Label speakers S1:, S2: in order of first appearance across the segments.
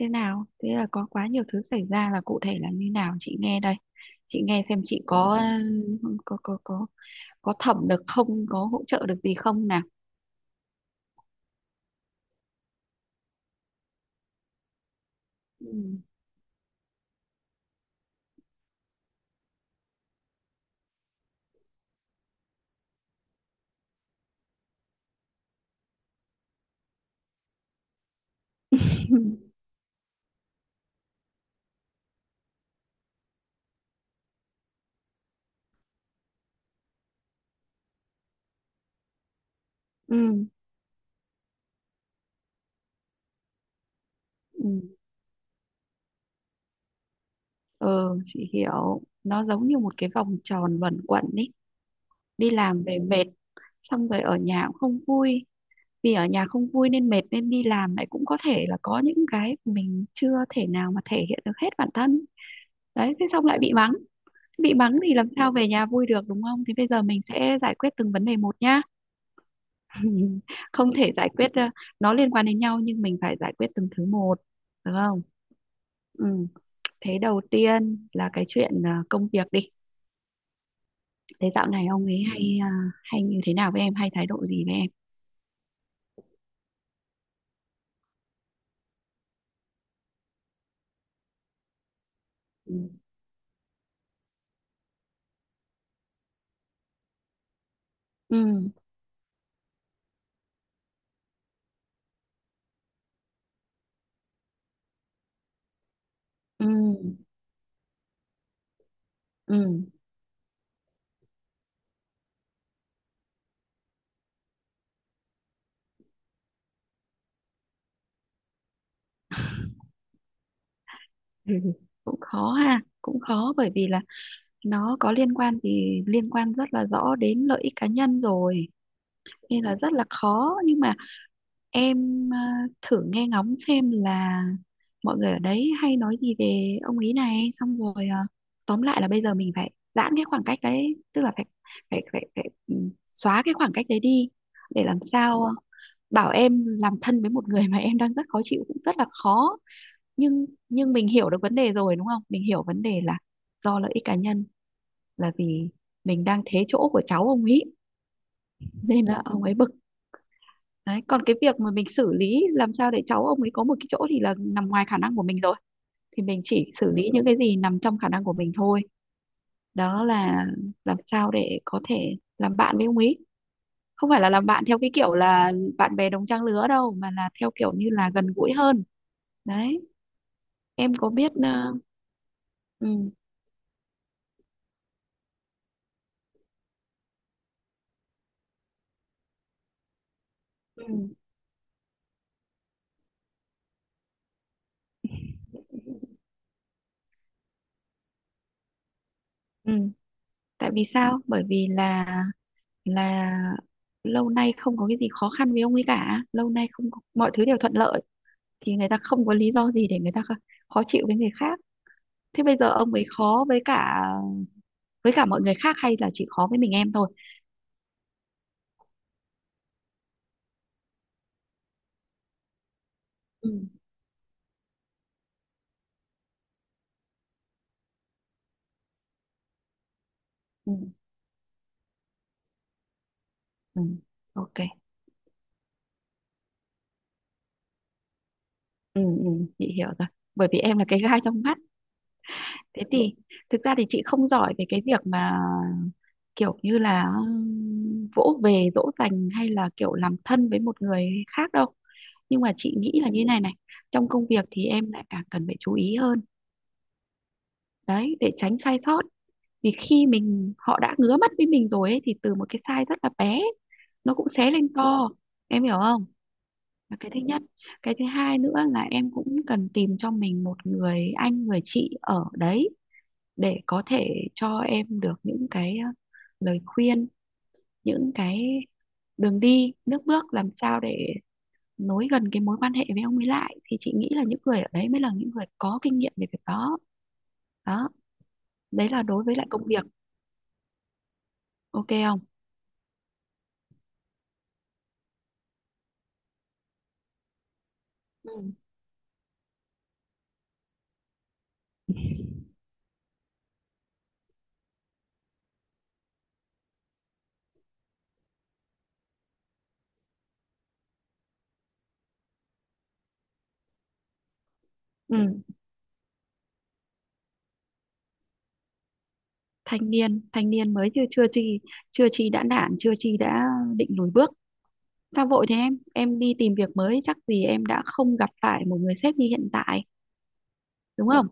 S1: Thế nào? Thế là có quá nhiều thứ xảy ra là cụ thể là như nào? Chị nghe đây, chị nghe xem chị có có có thẩm được không, có hỗ trợ được gì không nào? ừ. ừ ừ ừ, chị hiểu, nó giống như một cái vòng tròn luẩn quẩn ý. Đi làm về mệt, xong rồi ở nhà cũng không vui, vì ở nhà không vui nên mệt, nên đi làm lại cũng có thể là có những cái mình chưa thể nào mà thể hiện được hết bản thân. Đấy, thế xong lại bị mắng. Bị mắng thì làm sao về nhà vui được, đúng không? Thế bây giờ mình sẽ giải quyết từng vấn đề một nhá. Không thể giải quyết nó liên quan đến nhau, nhưng mình phải giải quyết từng thứ một, được không? Ừ. Thế đầu tiên là cái chuyện công việc đi. Thế dạo này ông ấy hay hay như thế nào với em, hay thái độ gì với em? ừ ừ ừ, ừ. Cũng khó ha, cũng khó, bởi vì là nó có liên quan gì, liên quan rất là rõ đến lợi ích cá nhân rồi, nên là rất là khó. Nhưng mà em thử nghe ngóng xem là mọi người ở đấy hay nói gì về ông ý này, xong rồi tóm lại là bây giờ mình phải giãn cái khoảng cách đấy, tức là phải phải xóa cái khoảng cách đấy đi. Để làm sao bảo em làm thân với một người mà em đang rất khó chịu cũng rất là khó, nhưng mình hiểu được vấn đề rồi đúng không, mình hiểu vấn đề là do lợi ích cá nhân, là vì mình đang thế chỗ của cháu ông ấy, nên là ông ấy bực. Đấy, còn cái việc mà mình xử lý làm sao để cháu ông ấy có một cái chỗ thì là nằm ngoài khả năng của mình rồi, thì mình chỉ xử lý những cái gì nằm trong khả năng của mình thôi. Đó là làm sao để có thể làm bạn với ông ấy, không phải là làm bạn theo cái kiểu là bạn bè đồng trang lứa đâu, mà là theo kiểu như là gần gũi hơn. Đấy, em có biết ừ, ừ, ừ. Tại vì sao? Bởi vì là là lâu nay không có cái gì khó khăn với ông ấy cả, lâu nay không có, mọi thứ đều thuận lợi, thì người ta không có lý do gì để người ta khó chịu với người khác. Thế bây giờ ông ấy khó với cả mọi người khác, hay là chỉ khó với mình em thôi? ừ ừ ừ. Ok. ừ ừ chị hiểu rồi, bởi vì em là cái gai trong mắt. Thế thì thực ra thì chị không giỏi về cái việc mà kiểu như là vỗ về dỗ dành hay là kiểu làm thân với một người khác đâu, nhưng mà chị nghĩ là như này này: trong công việc thì em lại càng cần phải chú ý hơn, đấy, để tránh sai sót. Vì khi mình họ đã ngứa mắt với mình rồi ấy, thì từ một cái size rất là bé nó cũng xé lên to, em hiểu không? Là cái thứ nhất. Cái thứ hai nữa là em cũng cần tìm cho mình một người anh người chị ở đấy, để có thể cho em được những cái lời khuyên, những cái đường đi nước bước làm sao để nối gần cái mối quan hệ với ông ấy lại, thì chị nghĩ là những người ở đấy mới là những người có kinh nghiệm về việc đó. Đó, đấy là đối với lại công việc. Ok không? Ừ. Ừ, thanh niên mới, chưa chưa chi chưa chi đã nản, chưa chi đã định lùi bước. Sao vội thế em đi tìm việc mới chắc gì em đã không gặp phải một người sếp như hiện tại, đúng không?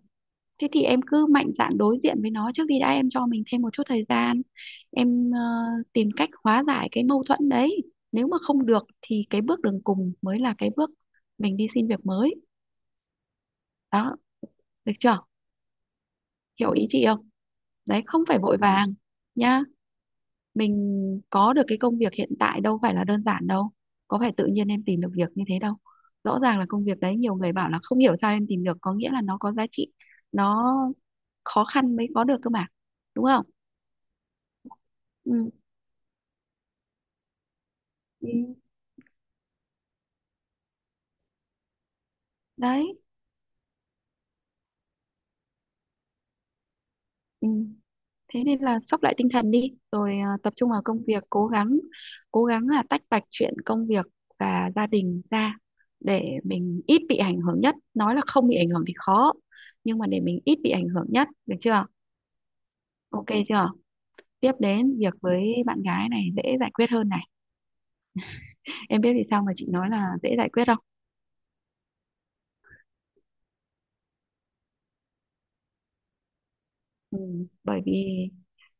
S1: Thế thì em cứ mạnh dạn đối diện với nó trước đi đã, em cho mình thêm một chút thời gian, em tìm cách hóa giải cái mâu thuẫn đấy. Nếu mà không được thì cái bước đường cùng mới là cái bước mình đi xin việc mới. Đó, được chưa? Hiểu ý chị không? Đấy, không phải vội vàng nha. Mình có được cái công việc hiện tại đâu phải là đơn giản đâu, có phải tự nhiên em tìm được việc như thế đâu, rõ ràng là công việc đấy nhiều người bảo là không hiểu sao em tìm được, có nghĩa là nó có giá trị, nó khó khăn mới có được cơ mà, đúng không? Ừ. Ừ. Đấy. Ừ. Thế nên là sóc lại tinh thần đi rồi à, tập trung vào công việc, cố gắng. Cố gắng là tách bạch chuyện công việc và gia đình ra, để mình ít bị ảnh hưởng nhất, nói là không bị ảnh hưởng thì khó, nhưng mà để mình ít bị ảnh hưởng nhất, được chưa? Ok chưa? Tiếp đến việc với bạn gái này, dễ giải quyết hơn này. Em biết vì sao mà chị nói là dễ giải quyết không? ừ, Bởi vì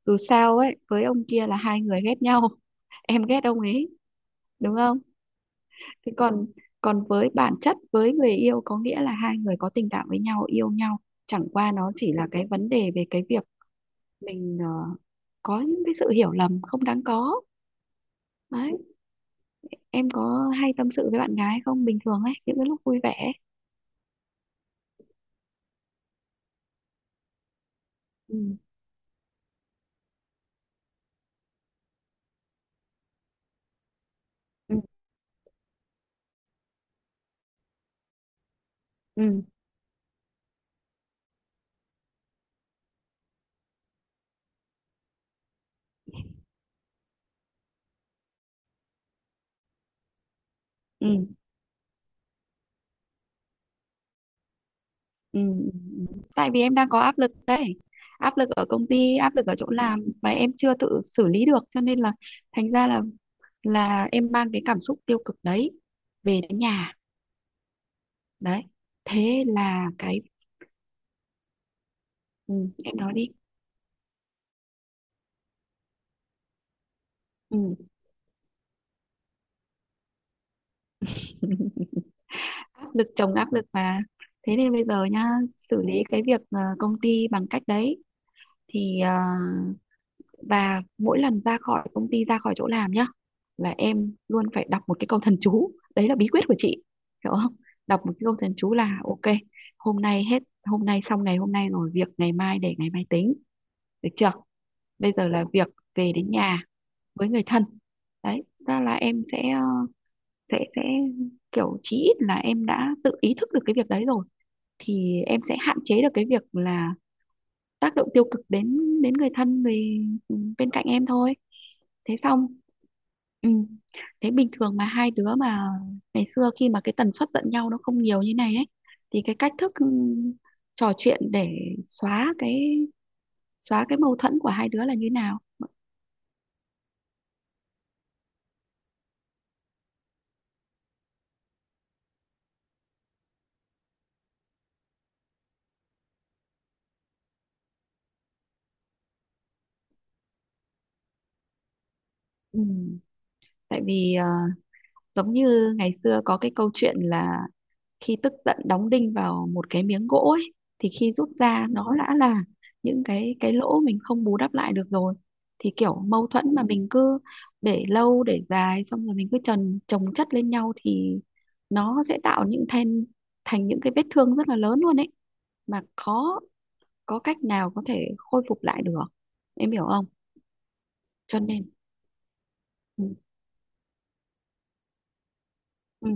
S1: dù sao ấy, với ông kia là hai người ghét nhau, em ghét ông ấy, đúng không? Thế còn còn với bản chất với người yêu có nghĩa là hai người có tình cảm với nhau, yêu nhau, chẳng qua nó chỉ là cái vấn đề về cái việc mình có những cái sự hiểu lầm không đáng có. Đấy, em có hay tâm sự với bạn gái không, bình thường ấy, những cái lúc vui vẻ? ừ ừ ừ ừ. Ừ, ừ, Tại vì em đang có áp lực đấy, áp lực ở công ty, áp lực ở chỗ làm mà em chưa tự xử lý được, cho nên là thành ra là em mang cái cảm xúc tiêu cực đấy về đến nhà. Đấy, thế là cái ừ, em nói đi. ừ. Áp lực chồng áp lực mà. Thế nên bây giờ nhá, xử lý cái việc công ty bằng cách đấy thì và mỗi lần ra khỏi công ty, ra khỏi chỗ làm nhá, là em luôn phải đọc một cái câu thần chú, đấy là bí quyết của chị, hiểu không? Đọc một cái câu thần chú là: ok, hôm nay hết hôm nay, xong ngày hôm nay rồi, việc ngày mai để ngày mai tính, được chưa? Bây giờ là việc về đến nhà với người thân. Đấy ra là em sẽ sẽ sẽ kiểu chí ít là em đã tự ý thức được cái việc đấy rồi, thì em sẽ hạn chế được cái việc là tác động tiêu cực đến đến người thân bên cạnh em thôi. Thế xong. Ừ. Thế bình thường mà hai đứa mà ngày xưa, khi mà cái tần suất giận nhau nó không nhiều như này ấy, thì cái cách thức trò chuyện để xóa cái xóa cái mâu thuẫn của hai đứa là như nào? Ừ. Tại vì giống như ngày xưa có cái câu chuyện là khi tức giận đóng đinh vào một cái miếng gỗ ấy, thì khi rút ra nó đã là những cái lỗ mình không bù đắp lại được rồi, thì kiểu mâu thuẫn mà mình cứ để lâu để dài, xong rồi mình cứ chồng chồng chất lên nhau, thì nó sẽ tạo những thành thành những cái vết thương rất là lớn luôn ấy, mà khó có cách nào có thể khôi phục lại được, em hiểu không? Cho nên ừ, ừ,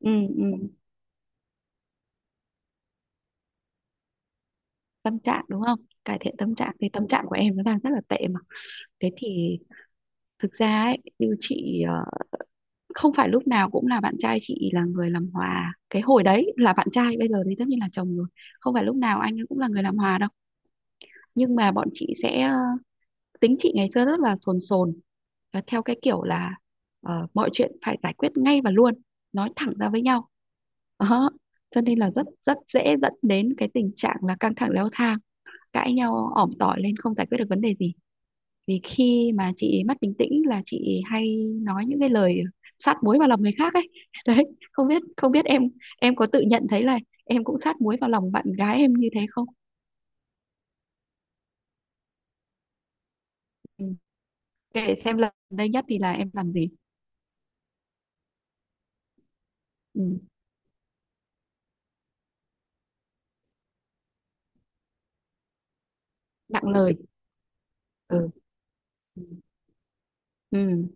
S1: ừ, ừ. tâm trạng đúng không? Cải thiện tâm trạng, thì tâm trạng của em nó đang rất là tệ mà. Thế thì thực ra ấy, như chị không phải lúc nào cũng là bạn trai chị là người làm hòa, cái hồi đấy là bạn trai, bây giờ thì tất nhiên là chồng rồi, không phải lúc nào anh ấy cũng là người làm hòa đâu, nhưng mà bọn chị sẽ tính chị ngày xưa rất là sồn sồn, và theo cái kiểu là mọi chuyện phải giải quyết ngay và luôn, nói thẳng ra với nhau. Đó, cho nên là rất rất dễ dẫn đến cái tình trạng là căng thẳng leo thang, cãi nhau ỏm tỏi lên không giải quyết được vấn đề gì, vì khi mà chị mất bình tĩnh là chị hay nói những cái lời sát muối vào lòng người khác ấy. Đấy, không biết, không biết em có tự nhận thấy là em cũng sát muối vào lòng bạn gái em như thế không? Ừ. Kể xem lần đây nhất thì là em làm gì? Ừ. Nặng lời. Ừ. ừ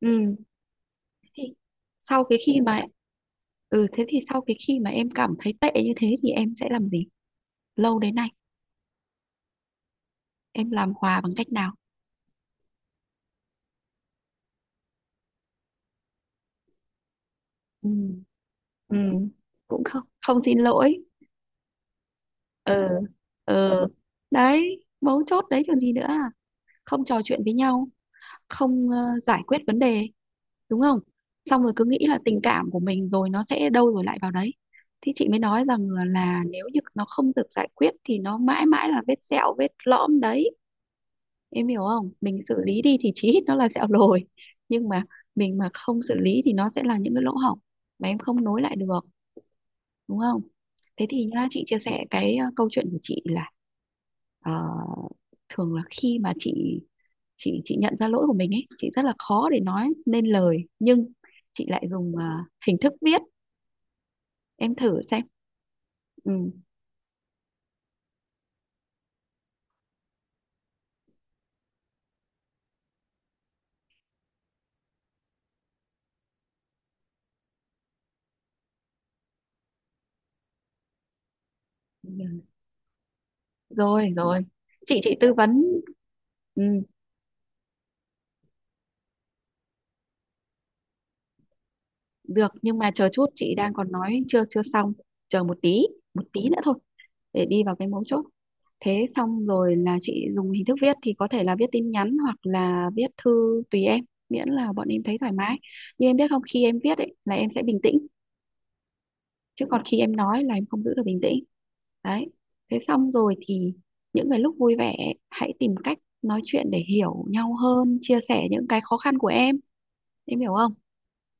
S1: ừ thì sau cái khi mà thế thì sau cái khi mà em cảm thấy tệ như thế thì em sẽ làm gì, lâu đến nay em làm hòa bằng cách nào? ừ ừ Cũng không, không xin lỗi. ừ ừ Đấy, mấu chốt đấy, còn gì nữa à, không trò chuyện với nhau, không giải quyết vấn đề, đúng không? Xong rồi cứ nghĩ là tình cảm của mình rồi nó sẽ đâu rồi lại vào đấy, thì chị mới nói rằng là nếu như nó không được giải quyết thì nó mãi mãi là vết sẹo, vết lõm đấy, em hiểu không? Mình xử lý đi thì chí ít nó là sẹo rồi, nhưng mà mình mà không xử lý thì nó sẽ là những cái lỗ hổng mà em không nối lại được, đúng không? Thế thì nhá, chị chia sẻ cái câu chuyện của chị là ờ, thường là khi mà chị nhận ra lỗi của mình ấy, chị rất là khó để nói nên lời, nhưng chị lại dùng hình thức viết, em thử xem. Ừ. Dạ. Rồi rồi, chị tư vấn. Ừ, được, nhưng mà chờ chút, chị đang còn nói chưa chưa xong. Chờ một tí, một tí nữa thôi, để đi vào cái mấu chốt. Thế xong rồi là chị dùng hình thức viết thì có thể là viết tin nhắn hoặc là viết thư, tùy em, miễn là bọn em thấy thoải mái. Nhưng em biết không, khi em viết ấy là em sẽ bình tĩnh, chứ còn khi em nói là em không giữ được bình tĩnh. Đấy, thế xong rồi thì những cái lúc vui vẻ ấy, hãy tìm cách nói chuyện để hiểu nhau hơn, chia sẻ những cái khó khăn của em hiểu không?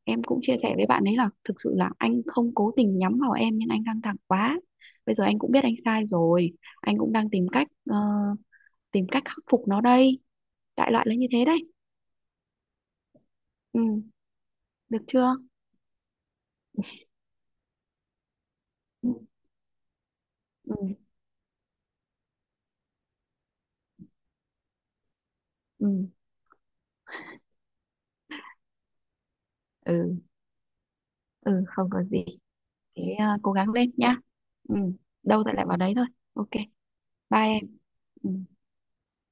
S1: Em cũng chia sẻ với bạn ấy là thực sự là anh không cố tình nhắm vào em, nhưng anh căng thẳng quá, bây giờ anh cũng biết anh sai rồi, anh cũng đang tìm cách tìm cách khắc phục nó đây. Đại loại là như thế đấy. Ừ, được chưa? ừ ừ ừ ừ, ừ không có gì. Thế à, cố gắng lên nhá. Ừ, đâu lại lại vào đấy thôi. Ok, bye em. Ừ.